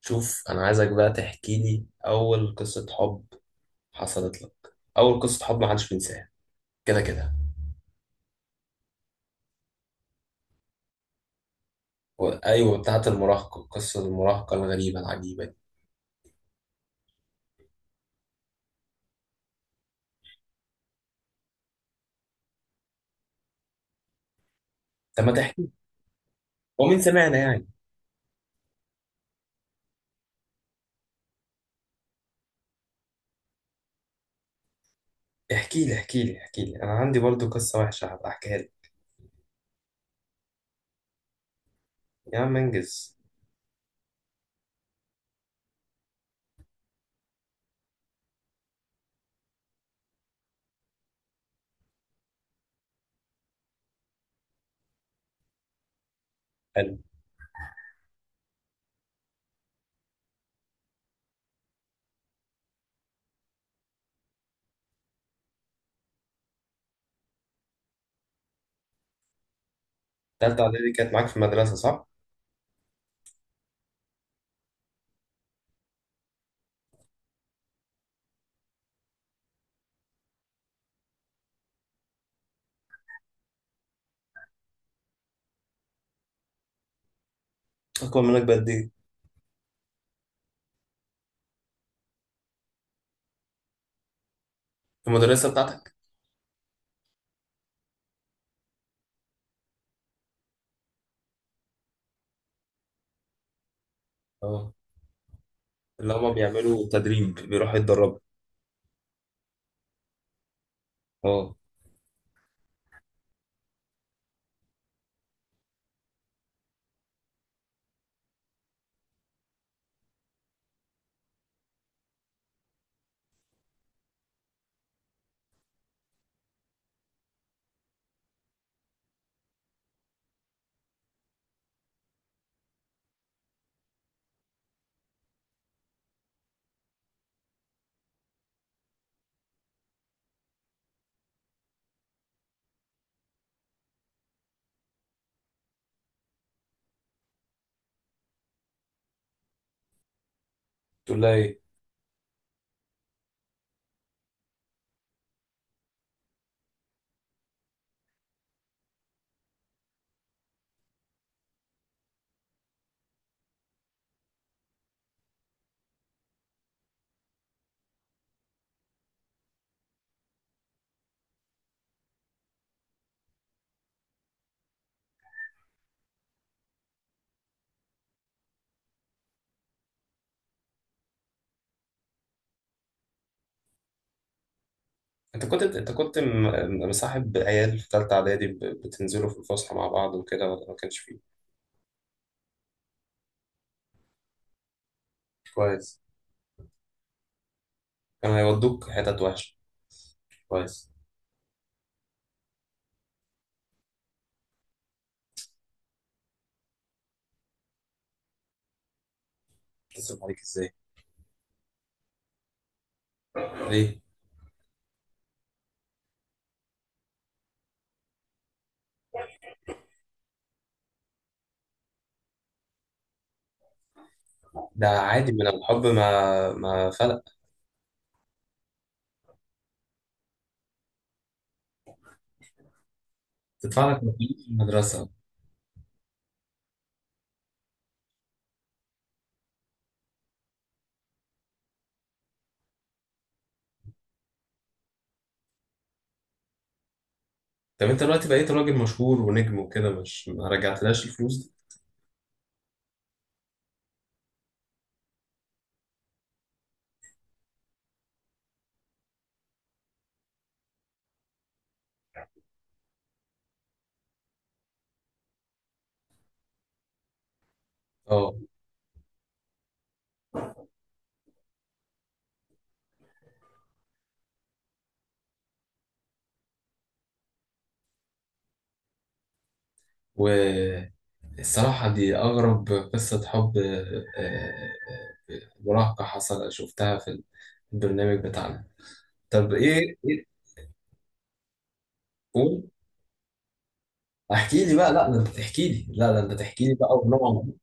شوف انا عايزك بقى تحكي لي اول قصة حب حصلت لك. اول قصة حب ما حدش بينساها. كده كده. ايوه، بتاعت المراهقة، قصة المراهقة الغريبة العجيبة دي. طب ما تحكي، ومين سمعنا يعني. احكي لي احكي لي احكي لي، انا عندي برضو قصة وحشة هبقى احكيها لك. يا عم انجز. حلو. تالتة اعدادي كانت معاك في المدرسة صح؟ اكبر منك بقد ايه؟ في المدرسة بتاعتك؟ اه. اللي هما بيعملوا تدريب بيروحوا يتدربوا. اه. تقول لها ايه؟ انت كنت مصاحب عيال في ثالثه اعدادي، بتنزلوا في الفسحه مع بعض وكده، ولا ما كانش فيه؟ كويس. كانوا هيودوك حتت وحشه. كويس. اتصل عليك ازاي. ليه. ده عادي من الحب، ما فرق. تدفع لك مصاريف المدرسه. طب انت دلوقتي بقيت راجل مشهور ونجم وكده، مش ما رجعتلاش الفلوس دي؟ اه. والصراحه دي اغرب قصه حب مراهقه حصل، شفتها في البرنامج بتاعنا. طب ايه ايه. قول. احكي لي بقى. لا ده انت تحكي لي، لا ده انت تحكي لي بقى ونقعد.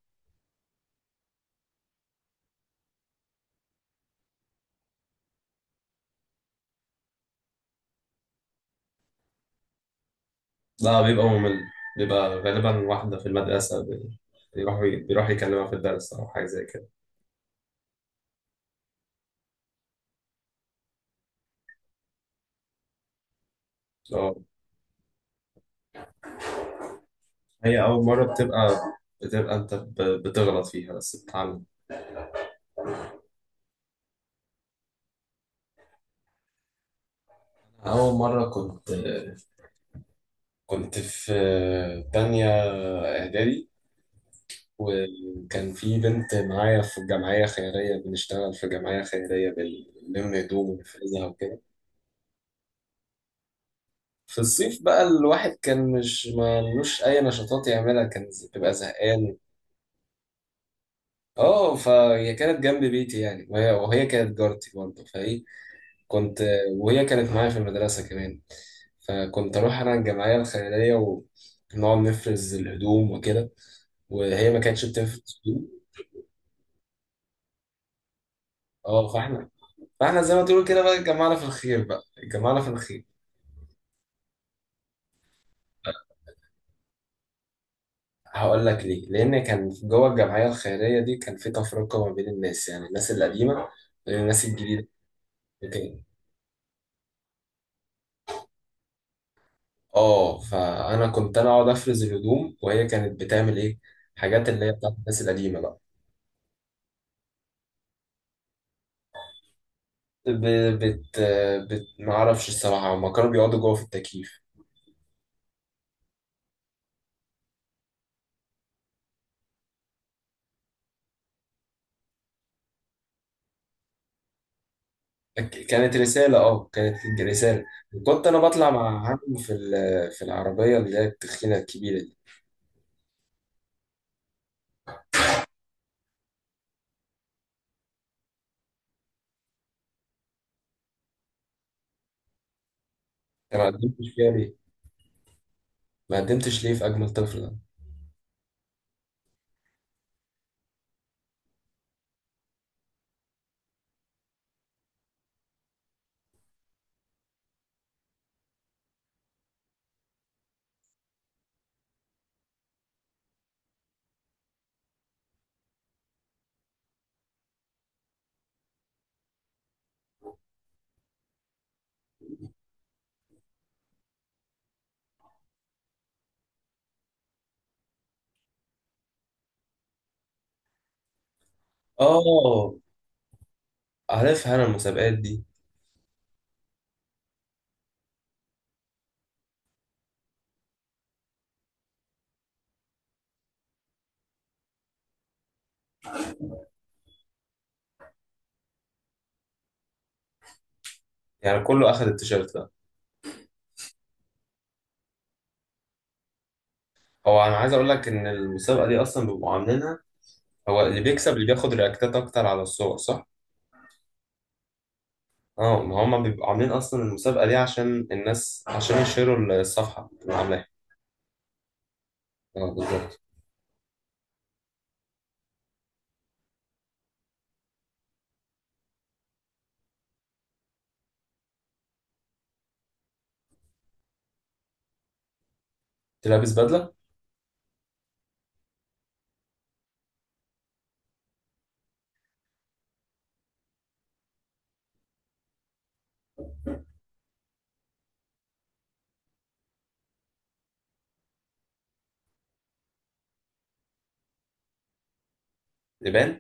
لا بيبقى ممل. بيبقى غالبا واحدة في المدرسة، بيروح يكلمها في الدرس أو حاجة زي كده. اه. هي أول مرة بتبقى أنت بتغلط فيها بس بتتعلم. أول مرة كنت، كنت في تانية إعدادي. وكان في بنت معايا في جمعية خيرية، بنشتغل في جمعية خيرية، بنلم هدوم ونفرزها وكده. في الصيف بقى الواحد كان مش ملوش أي نشاطات يعملها، كان بتبقى زهقان. اه، فهي كانت جنب بيتي يعني، وهي كانت جارتي برضه فايه كنت. وهي كانت معايا في المدرسة كمان. فكنت أروح أنا الجمعية الخيرية ونقعد نفرز الهدوم وكده، وهي ما كانتش بتفرز هدوم. اه فاحنا زي ما تقول كده بقى، اتجمعنا في الخير بقى، اتجمعنا في الخير. هقول لك ليه. لان كان جوه الجمعيه الخيريه دي كان في تفرقه ما بين الناس، يعني الناس القديمه غير الناس الجديده وكده. اه، فانا كنت انا اقعد افرز الهدوم، وهي كانت بتعمل ايه، حاجات اللي هي بتاعت الناس القديمه بقى. ب... بت... بت... ما اعرفش الصراحه، هما كانوا بيقعدوا جوه في التكييف. ك- كانت رساله، اه كانت رساله. كنت انا بطلع مع عم في في العربيه اللي هي التخينه الكبيره دي. أنا ما قدمتش فيها ليه. ما قدمتش ليه في اجمل طفل ده؟ اه عارفها انا المسابقات دي. يعني كله اخد التيشيرت ده. هو انا عايز اقول لك ان المسابقه دي اصلا بيبقوا عاملينها، هو اللي بيكسب اللي بياخد رياكتات اكتر على الصور صح؟ اه، ما هم بيبقوا عاملين اصلا المسابقه دي عشان الناس، عشان يشيروا الصفحه اللي عاملاها. اه بالظبط. انت لابس بدله. لبان.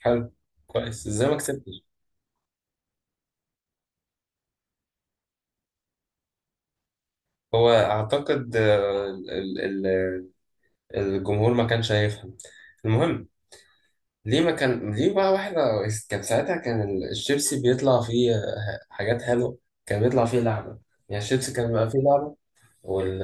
حلو. كويس ازاي ما كسبتش. هو اعتقد الجمهور ما كانش هيفهم. المهم، ليه ما كان ليه بقى؟ واحدة كان ساعتها كان الشيبسي بيطلع فيه حاجات حلوه، كان بيطلع فيه لعنه، يعني الشيبسي كان بيبقى فيه لعنه. وال...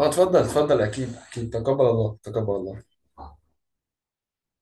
اه اتفضل اتفضل، اكيد اكيد، تقبل الله تقبل الله.